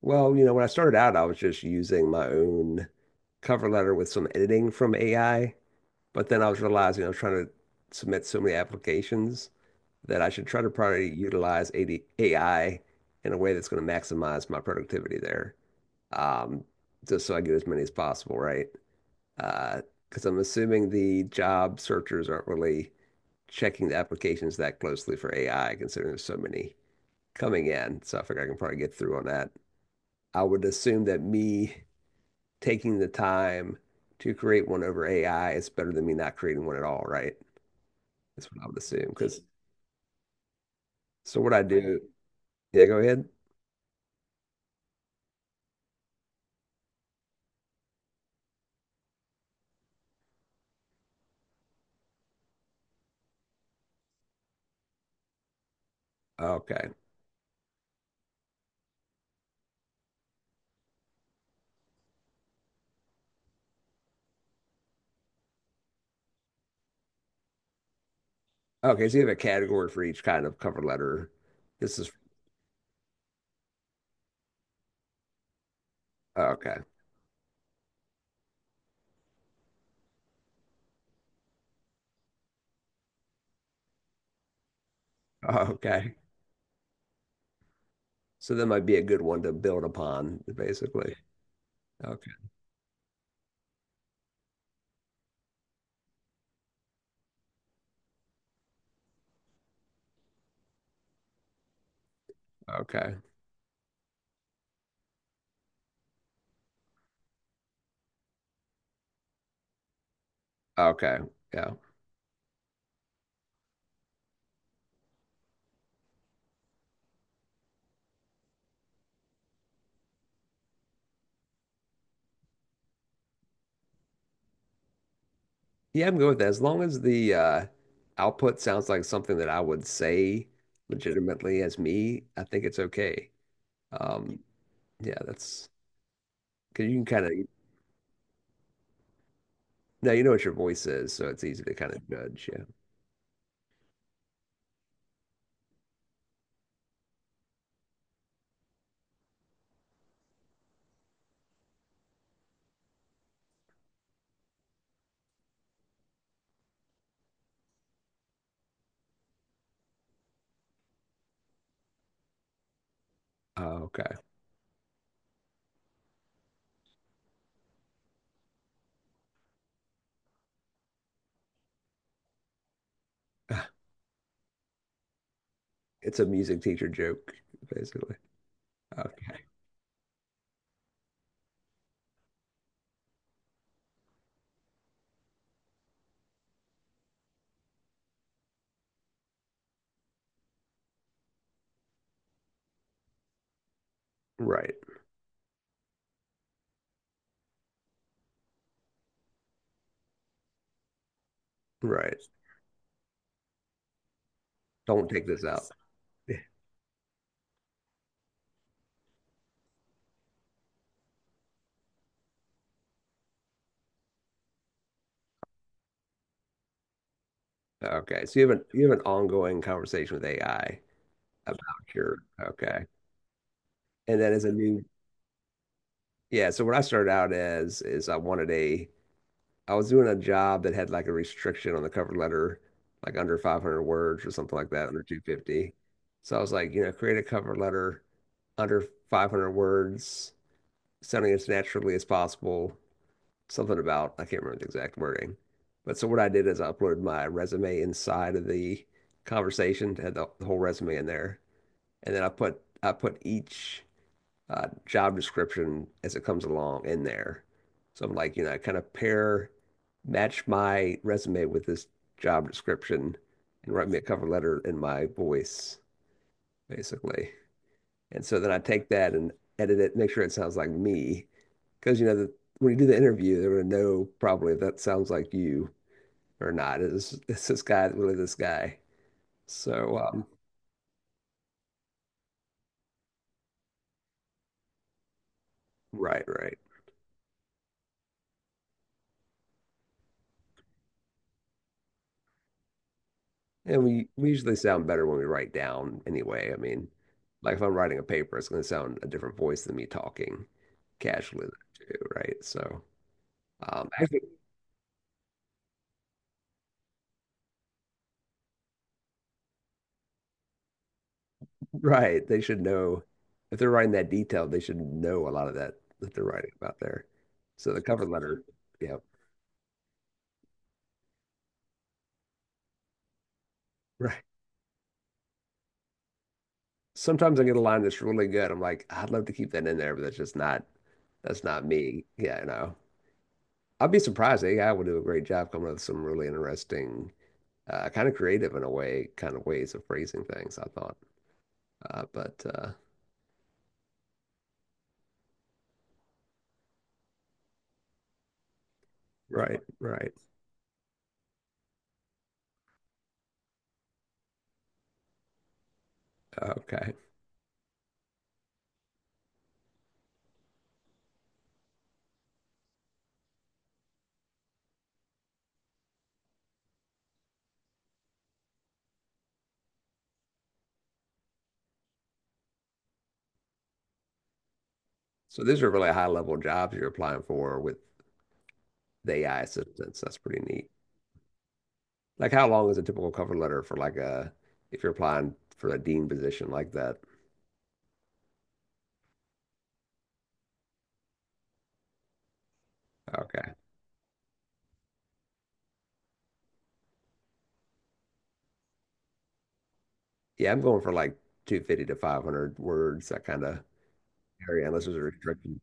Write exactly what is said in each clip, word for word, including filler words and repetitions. Well, you know, when I started out, I was just using my own cover letter with some editing from A I, but then I was realizing I was trying to submit so many applications that I should try to probably utilize A D A I in a way that's going to maximize my productivity there, um, just so I get as many as possible, right? Uh, because I'm assuming the job searchers aren't really checking the applications that closely for A I, considering there's so many coming in. So I figure I can probably get through on that. I would assume that me taking the time to create one over A I is better than me not creating one at all, right? That's what I would assume. Because so what I do, yeah, go ahead. Okay. Okay, so you have a category for each kind of cover letter. This is Okay. Okay. So that might be a good one to build upon, basically. Okay. Okay. Okay. Yeah. Yeah, I'm good with that. As long as the uh, output sounds like something that I would say legitimately as me, I think it's okay. Um, yeah, that's Because you can kind of now you know what your voice is, so it's easy to kind of judge. Yeah. Oh, okay. It's a music teacher joke, basically. Okay. Right. Right. Don't take this out. Okay. So you have an you have an ongoing conversation with A I about your okay. And then as a new Yeah, so what I started out as is I wanted a I was doing a job that had like a restriction on the cover letter, like under five hundred words or something like that, under two hundred fifty. So I was like, you know, create a cover letter under five hundred words, sounding as naturally as possible. Something about, I can't remember the exact wording. But so what I did is I uploaded my resume inside of the conversation, had the, the whole resume in there, and then I put I put each uh, job description as it comes along in there. So I'm like, you know, I kind of pair match my resume with this job description and write me a cover letter in my voice, basically. And so then I take that and edit it, make sure it sounds like me. Because, you know, the, when you do the interview, they're going to know probably if that sounds like you or not. Is is this guy really this guy? So, um, right, right. And we, we usually sound better when we write down anyway. I mean, like if I'm writing a paper, it's going to sound a different voice than me talking casually, too, right? So, um, actually, Right. They should know if they're writing that detail, they should know a lot of that that they're writing about there. So the cover letter, yeah, right. Sometimes I get a line that's really good. I'm like, I'd love to keep that in there, but that's just not That's not me. Yeah, you know. I'd be surprised. A I would do a great job coming up with some really interesting, uh, kind of creative in a way, kind of ways of phrasing things, I thought. Uh, but uh, right, right. Okay. So these are really high level jobs you're applying for with the A I assistance. That's pretty neat. Like how long is a typical cover letter for like a if you're applying for a dean position like that? Okay. Yeah, I'm going for like two hundred fifty to five hundred words, that kind of area, unless there's a restriction.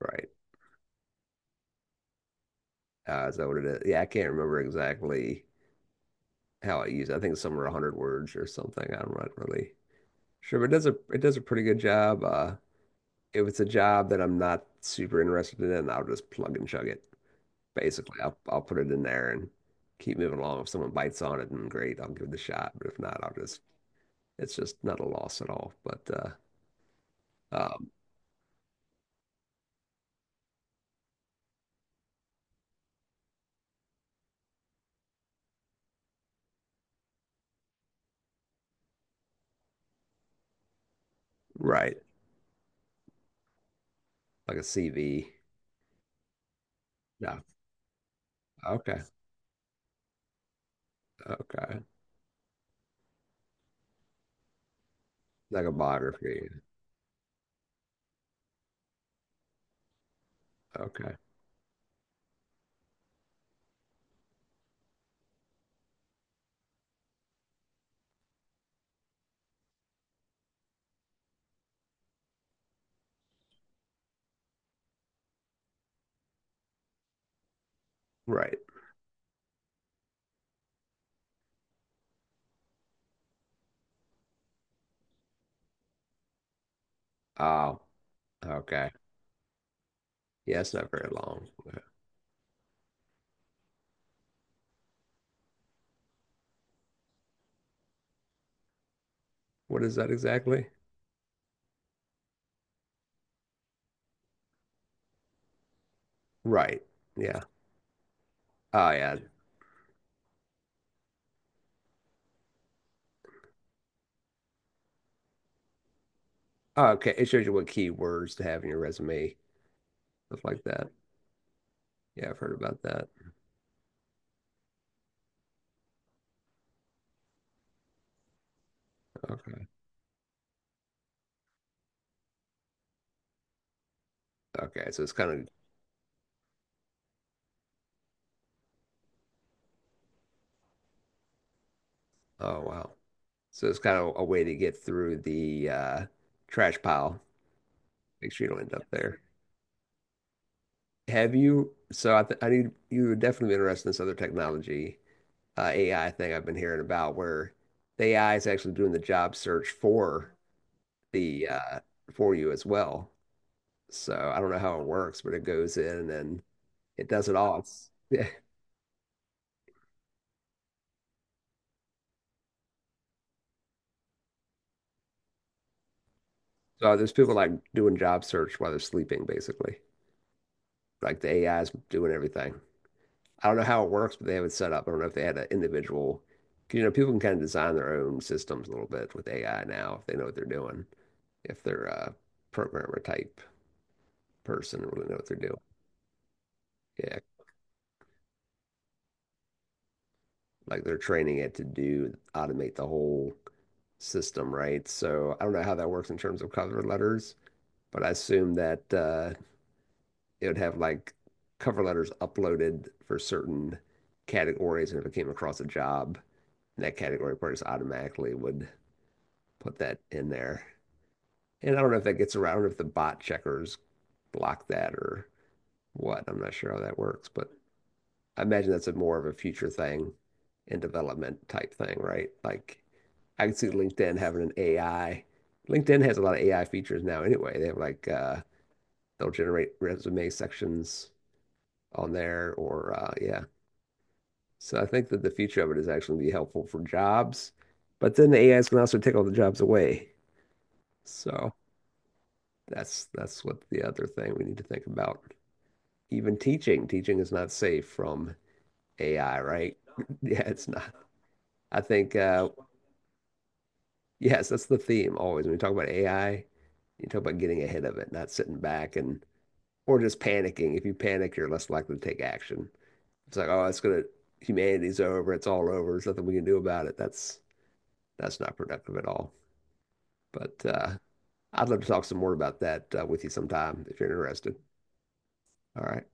Right. Uh, is that what it is? Yeah, I can't remember exactly how I use it. I think it's somewhere one hundred words or something. I'm not really sure, but it does a it does a pretty good job. Uh, if it's a job that I'm not super interested in, I'll just plug and chug it. Basically, I'll I'll put it in there and keep moving along. If someone bites on it, then great, I'll give it a shot. But if not, I'll just it's just not a loss at all. But uh, um, right, like a C V. No, okay, okay, like a biography. Okay, right. Oh, okay. Yeah, it's not very long. What is that exactly? Right. Yeah. Oh, yeah. Oh, okay. It shows you what keywords to have in your resume, stuff like that. Yeah, I've heard about that. Okay. Okay. So it's kind of, oh, wow. So it's kind of a way to get through the uh, trash pile. Make sure you don't end up there. Have you? So I, th I knew you were definitely interested in this other technology, uh, A I thing I've been hearing about, where the A I is actually doing the job search for the uh, for you as well. So I don't know how it works, but it goes in and it does it all. It's, yeah. So there's people like doing job search while they're sleeping, basically. Like the A I is doing everything. I don't know how it works, but they have it set up. I don't know if they had an individual, 'cause, you know, people can kind of design their own systems a little bit with A I now if they know what they're doing. If they're a programmer type person or really know what they're doing. Yeah, like they're training it to do automate the whole system, right? So I don't know how that works in terms of cover letters, but I assume that uh, it would have like cover letters uploaded for certain categories, and if it came across a job, that category person automatically would put that in there. And I don't know if that gets around if the bot checkers block that or what. I'm not sure how that works, but I imagine that's a more of a future thing and development type thing, right? Like I can see LinkedIn having an A I. LinkedIn has a lot of A I features now anyway. They have like uh they'll generate resume sections on there or uh yeah. So I think that the future of it is actually be helpful for jobs, but then the A is can also take all the jobs away. So that's that's what the other thing we need to think about. Even teaching, teaching is not safe from A I, right? Yeah, it's not. I think uh Yes, that's the theme always. When we talk about A I, you talk about getting ahead of it, not sitting back and or just panicking. If you panic, you're less likely to take action. It's like, oh, it's gonna humanity's over, it's all over, there's nothing we can do about it. That's that's not productive at all. But uh, I'd love to talk some more about that uh, with you sometime if you're interested. All right.